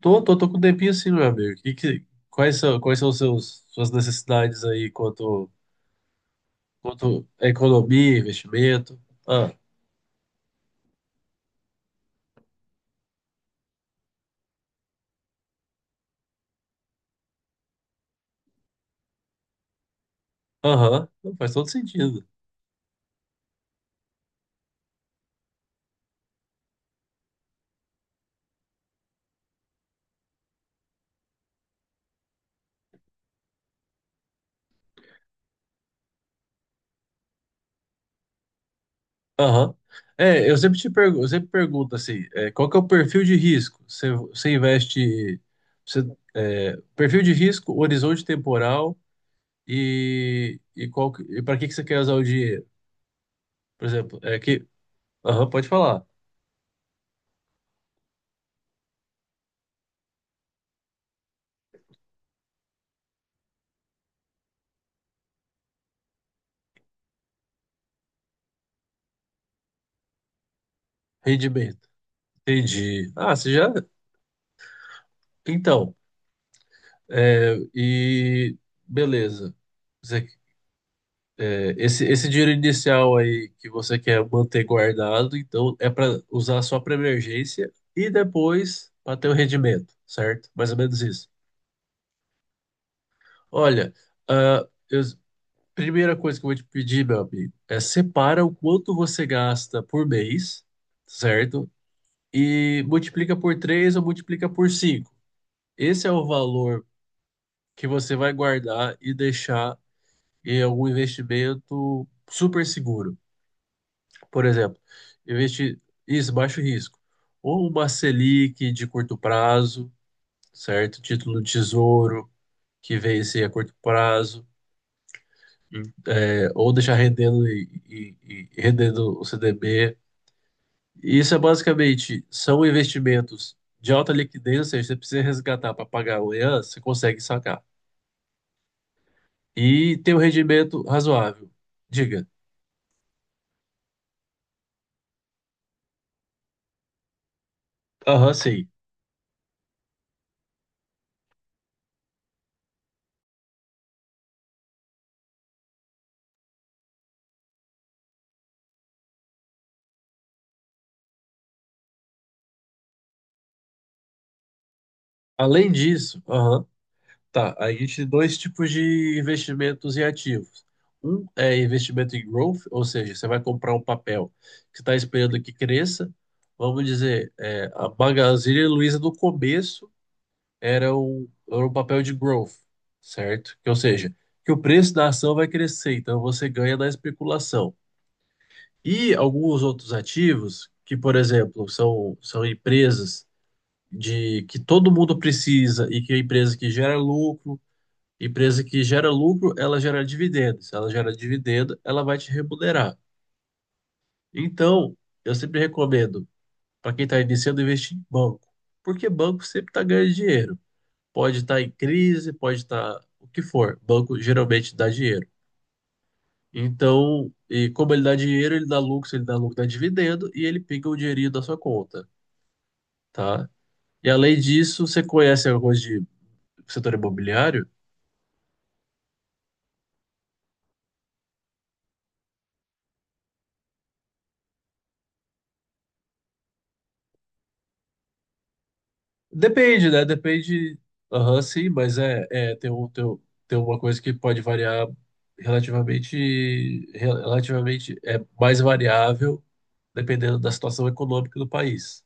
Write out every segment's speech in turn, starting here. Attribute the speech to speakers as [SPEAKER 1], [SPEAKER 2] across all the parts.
[SPEAKER 1] Tô com um tempinho assim, meu amigo. Quais são suas necessidades aí quanto à economia, investimento? Ah, aham, não, faz todo sentido. Aham. É, eu sempre pergunto assim, qual que é o perfil de risco? Você investe, você, perfil de risco, horizonte temporal e qual, e para que que você quer usar o dinheiro? Por exemplo, é que, aham, pode falar, rendimento. Entendi. Ah, você já, então... É, e beleza. Você- esse dinheiro inicial aí que você quer manter guardado, então é para usar só para emergência e depois para ter o rendimento, certo? Mais ou menos isso. Olha, a primeira coisa que eu vou te pedir, meu amigo, é separa o quanto você gasta por mês, certo? E multiplica por 3 ou multiplica por 5. Esse é o valor que você vai guardar e deixar e algum investimento super seguro. Por exemplo, investir isso, baixo risco. Ou uma Selic de curto prazo, certo? Título do Tesouro que vence a curto prazo, ou deixar rendendo e rendendo o CDB. Isso é basicamente, são investimentos de alta liquidez, ou seja, você precisa resgatar para pagar amanhã, você consegue sacar. E tem um rendimento razoável. Diga. Aham, sim. Além disso, aham, tá, a gente tem dois tipos de investimentos em ativos. Um é investimento em growth, ou seja, você vai comprar um papel que está esperando que cresça. Vamos dizer, a Magazine Luiza no começo era um papel de growth, certo? Que, ou seja, que o preço da ação vai crescer, então você ganha na especulação. E alguns outros ativos, que, por exemplo, são empresas de que todo mundo precisa e que é empresa que gera lucro. Empresa que gera lucro, ela gera dividendo. Se ela gera dividendo, ela vai te remunerar. Então, eu sempre recomendo para quem está iniciando investir em banco, porque banco sempre está ganhando dinheiro. Pode estar em crise, pode estar o que for. Banco geralmente dá dinheiro. Então, e como ele dá dinheiro, ele dá lucro, dá dividendo e ele pinga o dinheirinho da sua conta, tá? E além disso, você conhece alguma coisa de setor imobiliário? Depende, né? Depende. Aham, sim, mas é tem uma coisa que pode variar relativamente, relativamente é mais variável dependendo da situação econômica do país.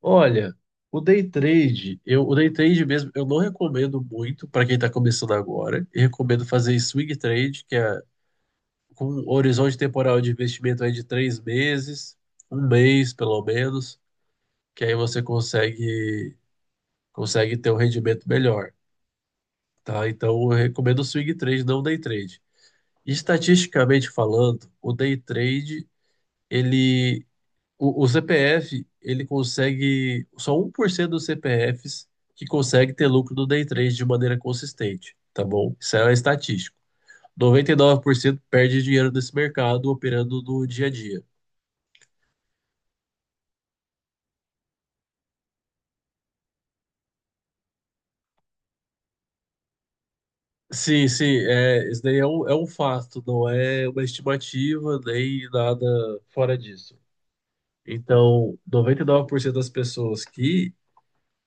[SPEAKER 1] Olha, o day trade mesmo, eu não recomendo muito para quem está começando agora. Eu recomendo fazer swing trade, que é com um horizonte temporal de investimento aí de 3 meses, um mês pelo menos, que aí você consegue ter um rendimento melhor, tá? Então eu recomendo o swing trade, não o day trade. Estatisticamente falando, o day trade, ele, o CPF, ele consegue, só 1% dos CPFs que consegue ter lucro no day trade de maneira consistente, tá bom? Isso é estatístico. 99% perde dinheiro nesse mercado operando no dia a dia. Sim, sim, isso daí é um fato, não é uma estimativa nem nada fora disso. Então, 99% das pessoas que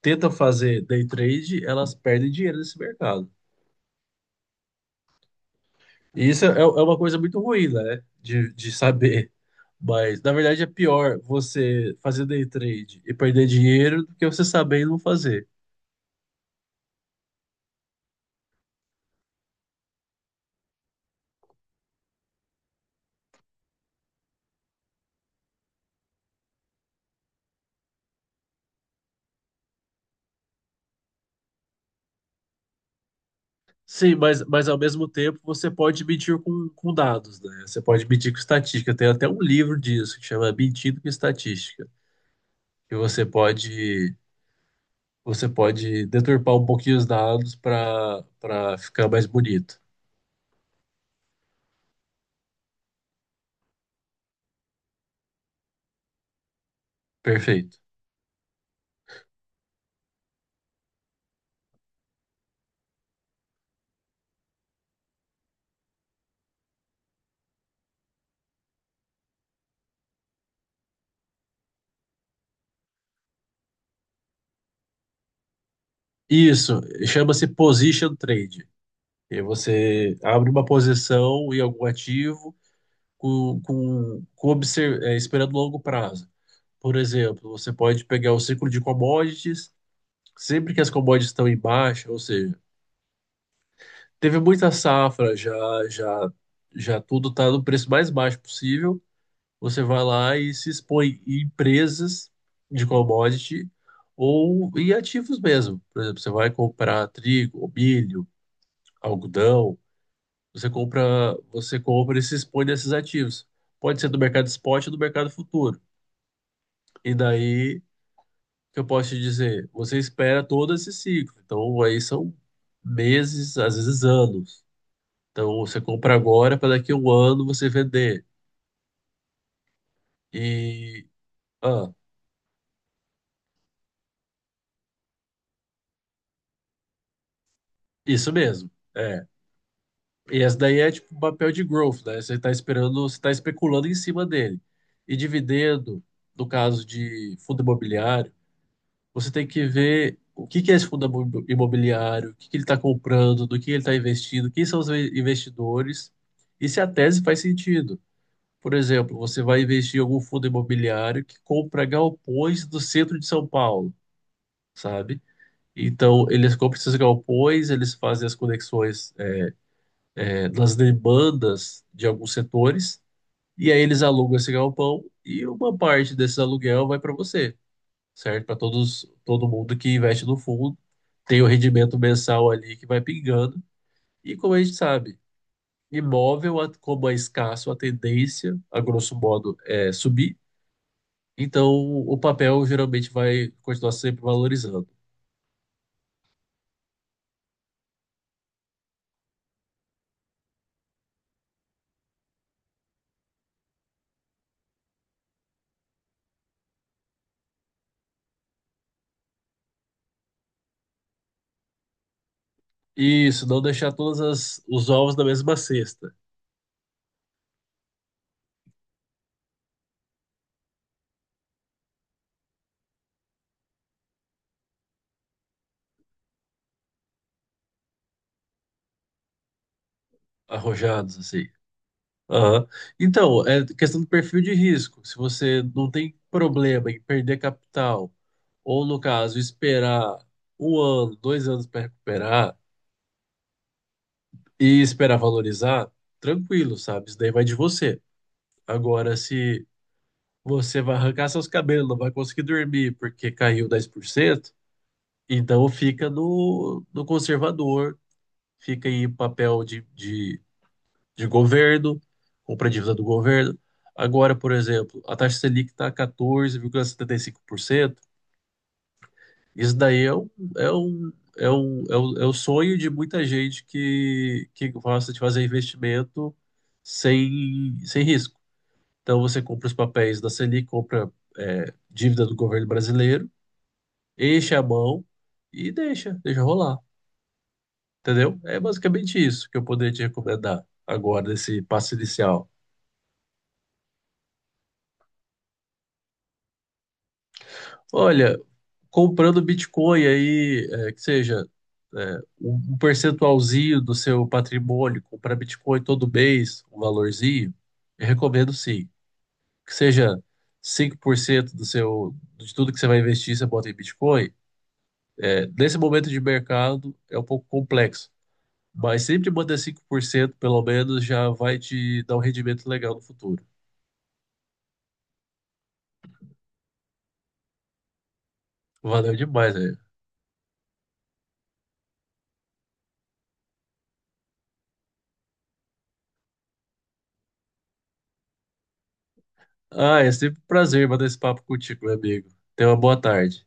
[SPEAKER 1] tentam fazer day trade, elas perdem dinheiro nesse mercado. E isso é uma coisa muito ruim, né, de saber. Mas, na verdade, é pior você fazer day trade e perder dinheiro do que você saber e não fazer. Sim, mas ao mesmo tempo você pode medir com dados, né? Você pode medir com estatística. Tem até um livro disso que chama Mentindo com Estatística, que você pode deturpar um pouquinho os dados para ficar mais bonito. Perfeito. Isso chama-se position trade. E você abre uma posição em algum ativo esperando longo prazo. Por exemplo, você pode pegar o ciclo de commodities sempre que as commodities estão em baixa, ou seja, teve muita safra, já, já, já tudo está no preço mais baixo possível, você vai lá e se expõe em empresas de commodity ou em ativos mesmo. Por exemplo, você vai comprar trigo, ou milho, algodão, você compra, você compra e se expõe nesses ativos. Pode ser do mercado spot ou do mercado futuro. E daí, o que eu posso te dizer? Você espera todo esse ciclo. Então, aí são meses, às vezes anos. Então você compra agora para daqui a um ano você vender. E. Ah, isso mesmo. É. E essa daí é tipo um papel de growth, né? Você está esperando, você está especulando em cima dele. E dividendo, no caso de fundo imobiliário, você tem que ver o que que é esse fundo imobiliário, o que que ele está comprando, do que ele está investindo, quem são os investidores e se a tese faz sentido. Por exemplo, você vai investir em algum fundo imobiliário que compra galpões do centro de São Paulo, sabe? Então, eles compram esses galpões, eles fazem as conexões, das demandas de alguns setores, e aí eles alugam esse galpão e uma parte desse aluguel vai para você, certo? Para todos, todo mundo que investe no fundo, tem o rendimento mensal ali que vai pingando, e como a gente sabe, imóvel, como é escasso, a tendência, a grosso modo, é subir, então o papel geralmente vai continuar sempre valorizando. Isso, não deixar todos os ovos na mesma cesta. Arrojados, assim. Aham. Então, é questão do perfil de risco. Se você não tem problema em perder capital, ou no caso, esperar um ano, 2 anos para recuperar e esperar valorizar, tranquilo, sabe? Isso daí vai de você. Agora, se você vai arrancar seus cabelos, não vai conseguir dormir porque caiu 10%, então fica no conservador, fica em papel de governo, compra dívida do governo. Agora, por exemplo, a taxa Selic está 14,75%. Isso daí é um, é o sonho de muita gente que, gosta de fazer investimento sem risco. Então, você compra os papéis da Selic, compra, dívida do governo brasileiro, enche a mão e deixa rolar. Entendeu? É basicamente isso que eu poderia te recomendar agora, nesse passo inicial. Olha, comprando Bitcoin aí, que seja, um percentualzinho do seu patrimônio, comprar Bitcoin todo mês, um valorzinho, eu recomendo sim. Que seja 5% de tudo que você vai investir, você bota em Bitcoin. É, nesse momento de mercado é um pouco complexo, mas sempre manter 5% pelo menos já vai te dar um rendimento legal no futuro. Valeu demais, velho. Ah, é sempre um prazer bater esse papo contigo, meu amigo. Tenha uma boa tarde.